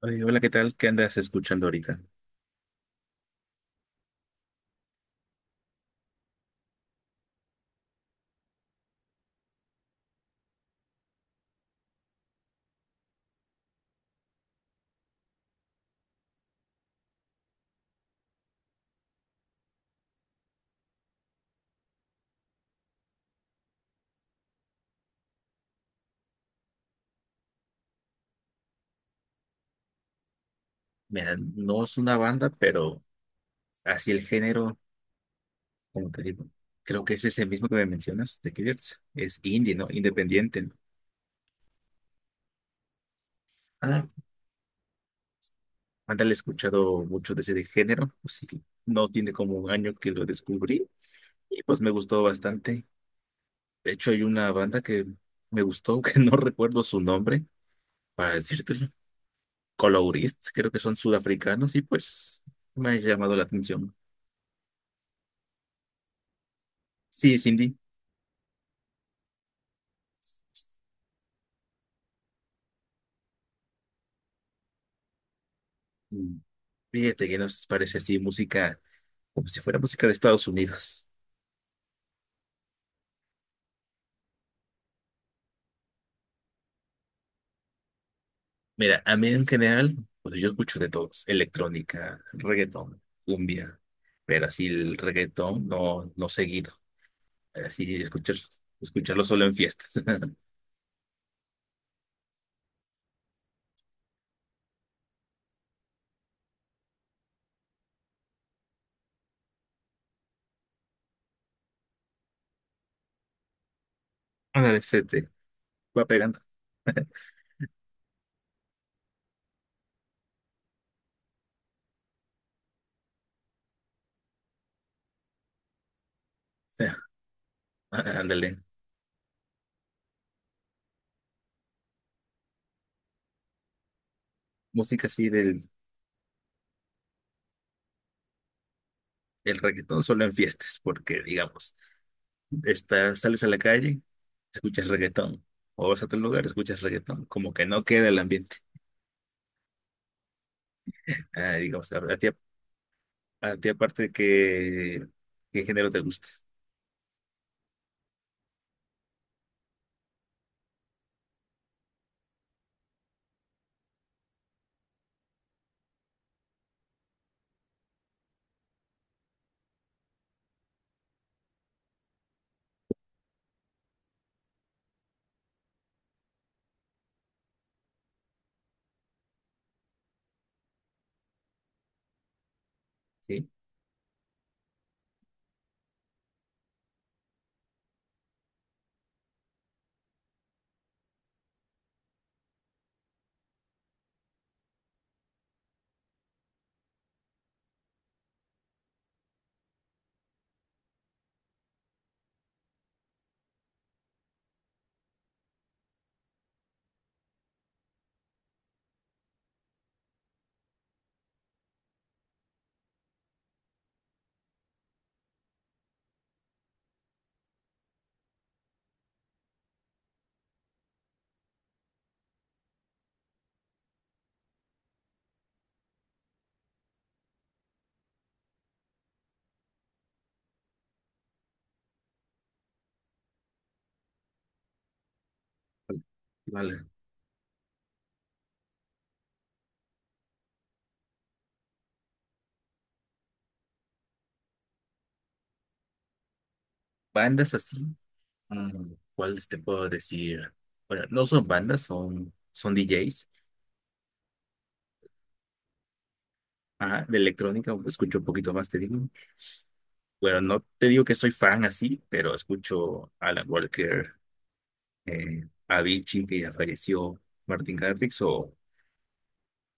Oye, hola, ¿qué tal? ¿Qué andas escuchando ahorita? Mira, no es una banda, pero así el género, como te digo, creo que es ese mismo que me mencionas, The Killers. Es indie, ¿no? Independiente. ¿No? Ah, ándale, he escuchado mucho de ese de género, pues sí, no tiene como un año que lo descubrí y pues me gustó bastante. De hecho, hay una banda que me gustó, que no recuerdo su nombre, para decírtelo. Colorist, creo que son sudafricanos y pues me ha llamado la atención. Sí, es indie. Fíjate que nos parece así música, como si fuera música de Estados Unidos. Mira, a mí en general, pues yo escucho de todos, electrónica, reggaetón, cumbia, pero así el reggaetón no, no seguido, así escuchar, escucharlo solo en fiestas. Ándale, se te va pegando. Ya, ándale, música así del el reggaetón solo en fiestas, porque digamos, estás, sales a la calle, escuchas reggaetón, o vas a otro lugar, escuchas reggaetón, como que no queda el ambiente. Ah, digamos, a ti a ti aparte de que, ¿qué género te gusta? Sí. Vale. Bandas así, mm, ¿cuáles te puedo decir? Bueno, no son bandas, son DJs. Ajá, de electrónica escucho un poquito más, te digo. Bueno, no te digo que soy fan así, pero escucho Alan Walker, Avicii, que ya falleció, Martin Garrix,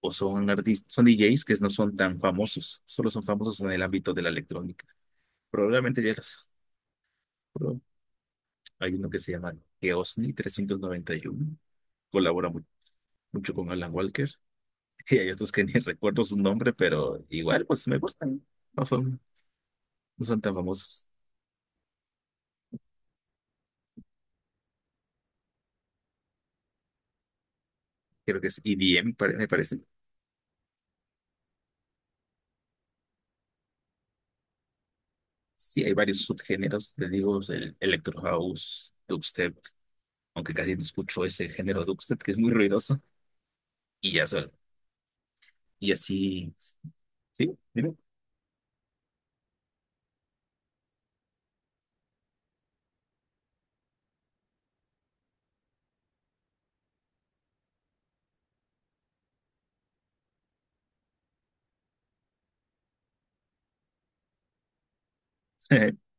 o son artistas, son DJs que no son tan famosos, solo son famosos en el ámbito de la electrónica. Probablemente ya los, hay uno que se llama Geosni 391. Colabora mucho con Alan Walker. Y hay otros que ni recuerdo su nombre, pero igual pues me gustan. No son, no son tan famosos. Creo que es EDM, me parece. Sí, hay varios subgéneros, te digo, el Electro House, Dubstep, aunque casi no escucho ese género Dubstep, que es muy ruidoso. Y ya solo. Y así, sí, dime.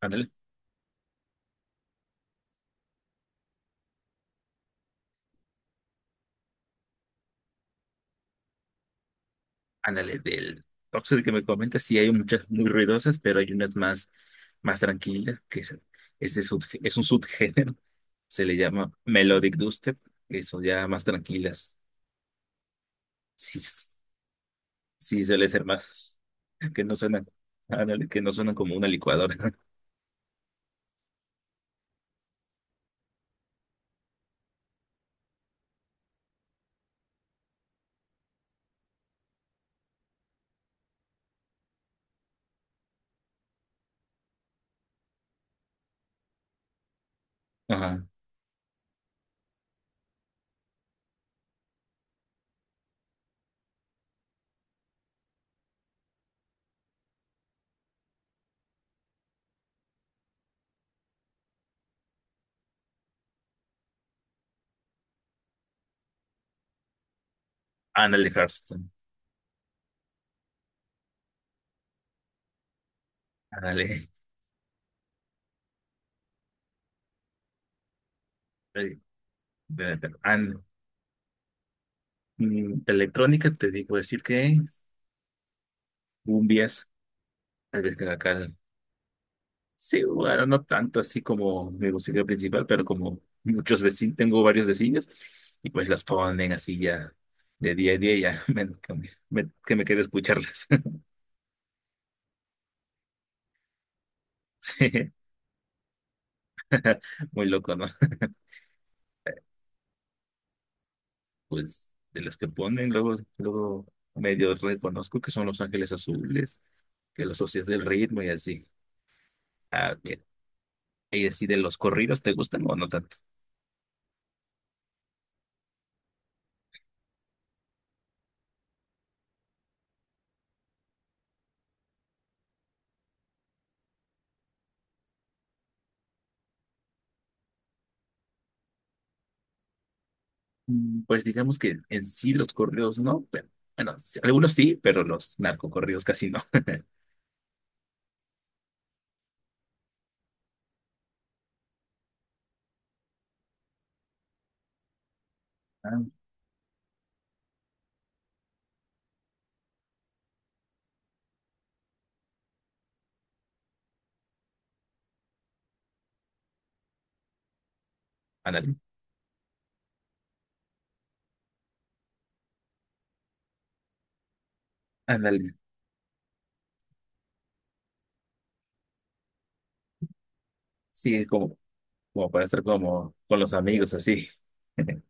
Ándale. Ándale, del Oxxo que me comentas, sí hay muchas muy ruidosas, pero hay unas más, más tranquilas, que es, es un subgénero, se le llama Melodic Dubstep, que son ya más tranquilas. Sí, sí suele ser más, que no suenan, ándale, que no suenan como una licuadora. Ajá. Ándale, Hearthstone, ándale. Eh, pero, mm, de electrónica te digo decir que cumbias, tal vez que acá sí, bueno, no tanto así como mi música principal, pero como muchos vecinos, tengo varios vecinos y pues las ponen así ya de día a día, ya me, que me quede escucharlas. Sí, muy loco, ¿no? Pues de las que ponen, luego, luego medio reconozco que son Los Ángeles Azules, que los asocias del ritmo y así. Ah, bien. Y así de los corridos, ¿te gustan o no tanto? Mm, pues digamos que en sí los corridos no, pero bueno, sí, algunos sí, pero los narcocorridos casi no. Ah, ándale, ándale. Sí, es como, como para estar como con los amigos así.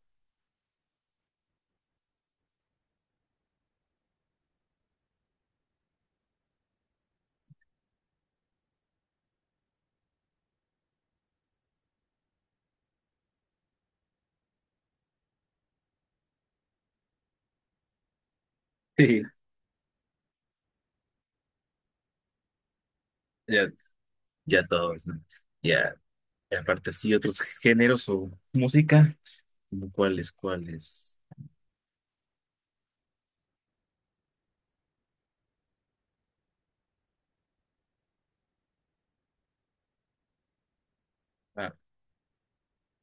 Sí, ya, ya todos, ¿no? Ya, y aparte sí, otros géneros o música, como cuáles, cuáles. Ah,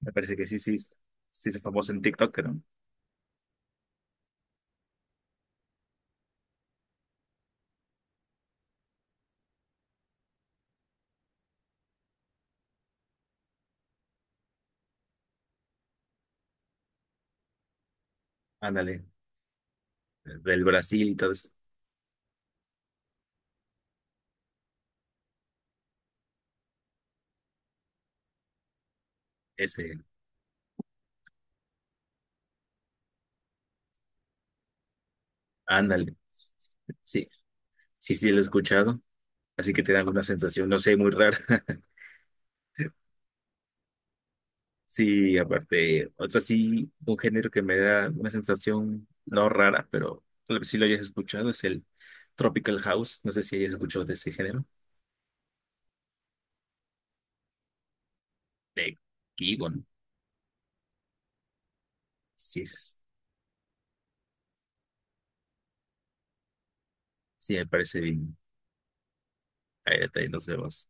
me parece que sí, sí, sí es famoso en TikTok, ¿no? Ándale, del Brasil y todo eso, ese, ándale. Sí, sí, sí lo he escuchado, así que te da alguna sensación, no sé, muy rara. Sí, aparte, otro sí, un género que me da una sensación no rara, pero tal vez sí lo hayas escuchado, es el Tropical House. No sé si hayas escuchado de ese género. De Gibbon. Sí, sí, me parece bien. Ahí nos vemos.